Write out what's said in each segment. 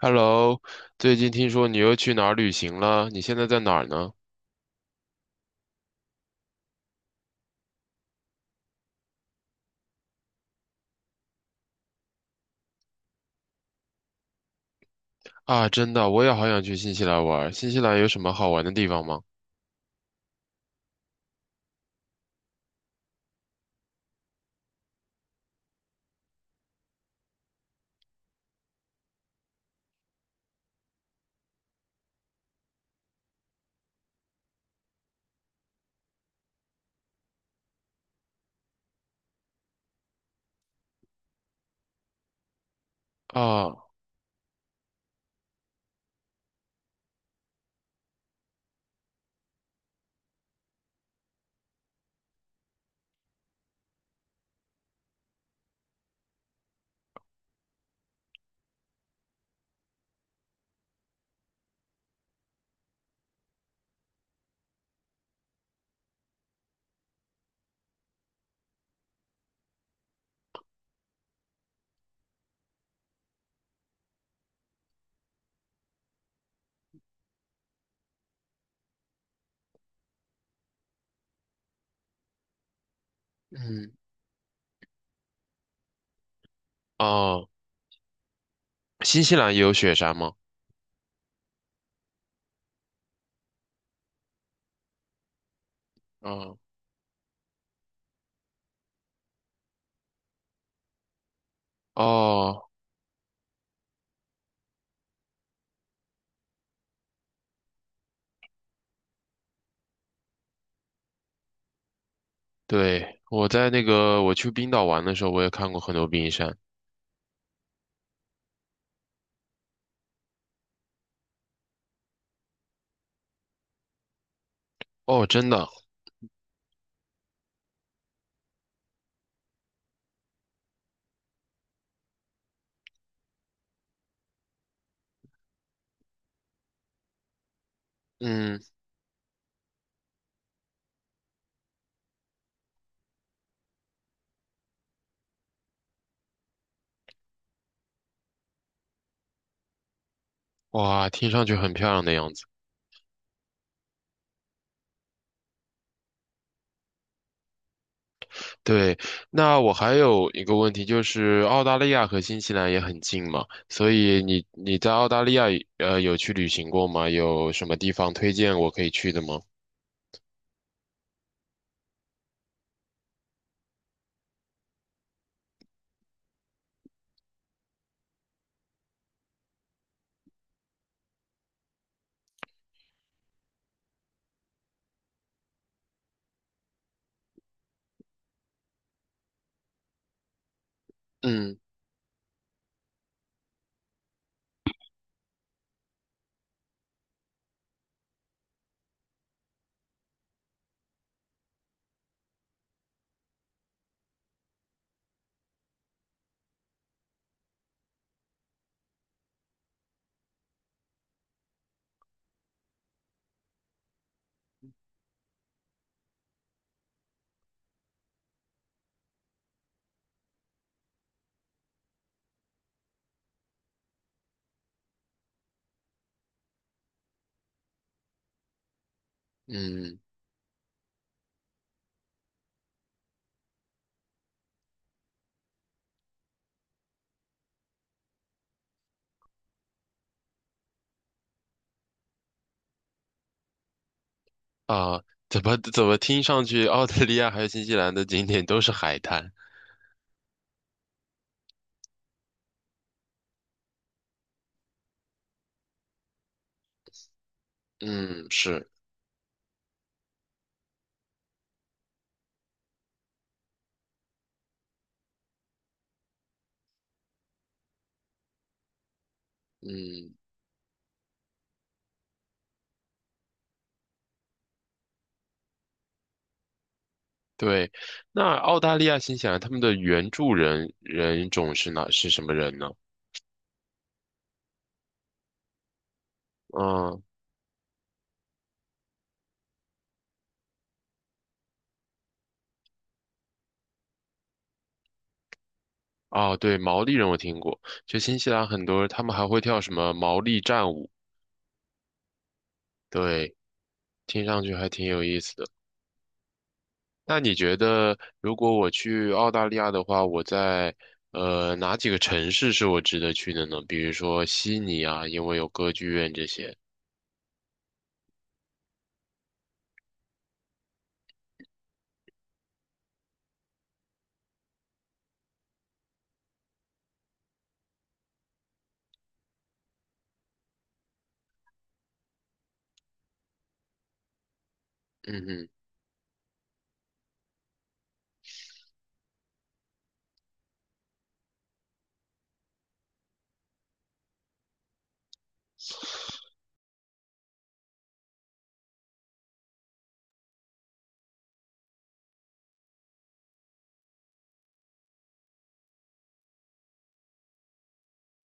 Hello，最近听说你又去哪儿旅行了？你现在在哪儿呢？啊，真的，我也好想去新西兰玩儿。新西兰有什么好玩的地方吗？啊，嗯，哦，新西兰也有雪山吗？啊，哦，对，我在那个我去冰岛玩的时候，我也看过很多冰山。哦，真的，嗯，哇，听上去很漂亮的样子。对，那我还有一个问题，就是澳大利亚和新西兰也很近嘛，所以你在澳大利亚有去旅行过吗？有什么地方推荐我可以去的吗？嗯嗯啊，怎么听上去澳大利亚还有新西兰的景点都是海滩？嗯，是，嗯，对。那澳大利亚、新西兰他们的原住人人种是什么人呢？嗯。哦，对，毛利人我听过，就新西兰很多他们还会跳什么毛利战舞，对，听上去还挺有意思的。那你觉得如果我去澳大利亚的话，我在哪几个城市是我值得去的呢？比如说悉尼啊，因为有歌剧院这些。嗯哼。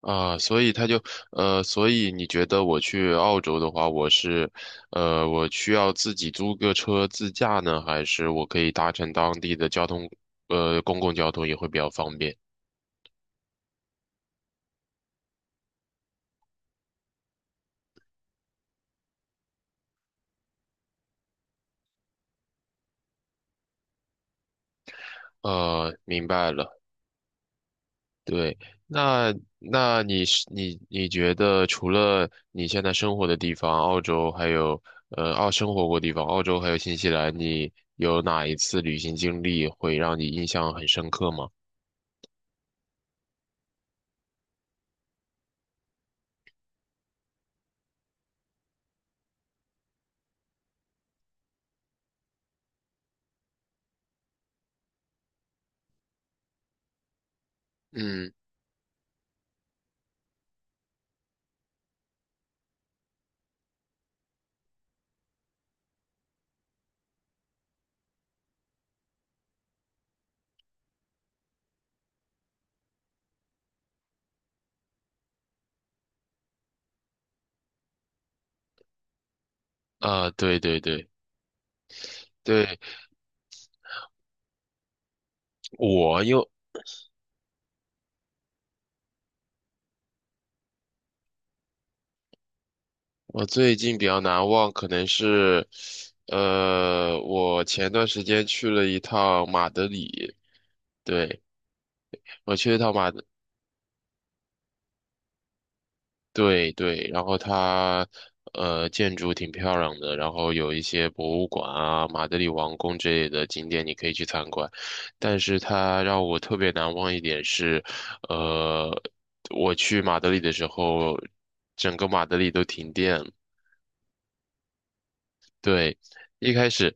啊，所以他就，所以你觉得我去澳洲的话，我需要自己租个车自驾呢，还是我可以搭乘当地的交通，公共交通也会比较方便？明白了。对，那你觉得除了你现在生活的地方，澳洲还有呃澳生活过地方，澳洲还有新西兰，你有哪一次旅行经历会让你印象很深刻吗？嗯，啊，对对对。对，我又，我最近比较难忘，可能是，我前段时间去了一趟马德里，对，我去了一趟马德，对对，然后它，建筑挺漂亮的，然后有一些博物馆啊，马德里王宫之类的景点你可以去参观，但是它让我特别难忘一点是，呃，我去马德里的时候，整个马德里都停电了。对，一开始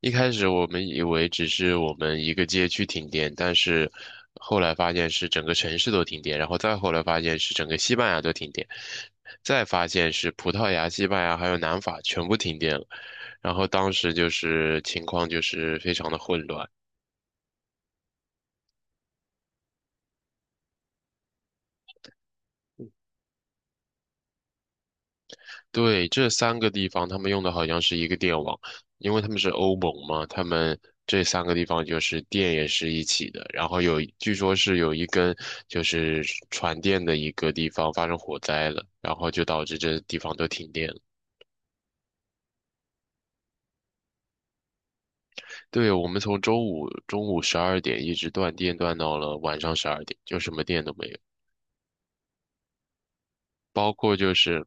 一开始我们以为只是我们一个街区停电，但是后来发现是整个城市都停电，然后再后来发现是整个西班牙都停电，再发现是葡萄牙、西班牙还有南法全部停电了，然后当时就是情况就是非常的混乱。对，这三个地方他们用的好像是一个电网，因为他们是欧盟嘛，他们这三个地方就是电也是一起的，然后有，据说是有一根就是传电的一个地方发生火灾了，然后就导致这地方都停电了。对，我们从周五中午十二点一直断电断到了晚上十二点，就什么电都没有，包括就是。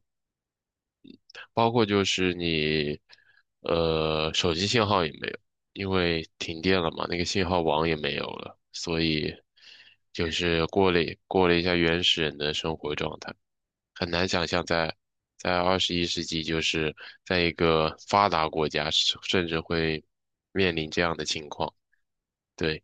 包括就是你，手机信号也没有，因为停电了嘛，那个信号网也没有了，所以就是过了一下原始人的生活状态，很难想象在21世纪，就是在一个发达国家，甚至会面临这样的情况。对。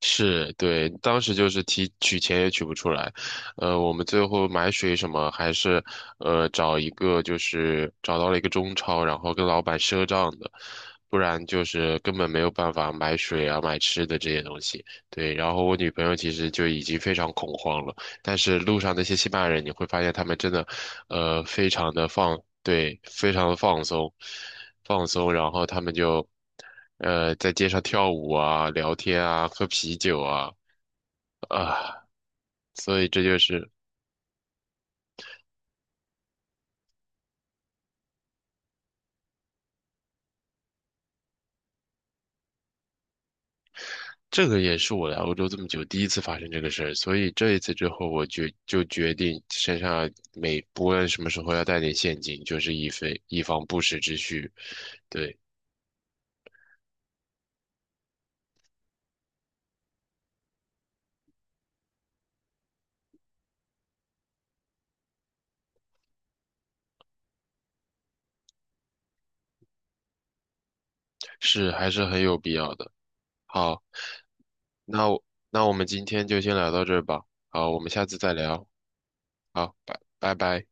是，对，当时就是提取钱也取不出来，我们最后买水什么还是，呃，找一个就是找到了一个中超，然后跟老板赊账的，不然就是根本没有办法买水啊、买吃的这些东西。对，然后我女朋友其实就已经非常恐慌了，但是路上那些西班牙人，你会发现他们真的，呃，非常的放，对，非常的放松，然后他们就，在街上跳舞啊，聊天啊，喝啤酒啊，啊，所以这个也是我来欧洲这么久第一次发生这个事儿，所以这一次之后，我决定身上不论什么时候要带点现金，就是以备以防不时之需，对，是还是很有必要的。好，那我那我们今天就先聊到这儿吧。好，我们下次再聊。好，拜拜拜。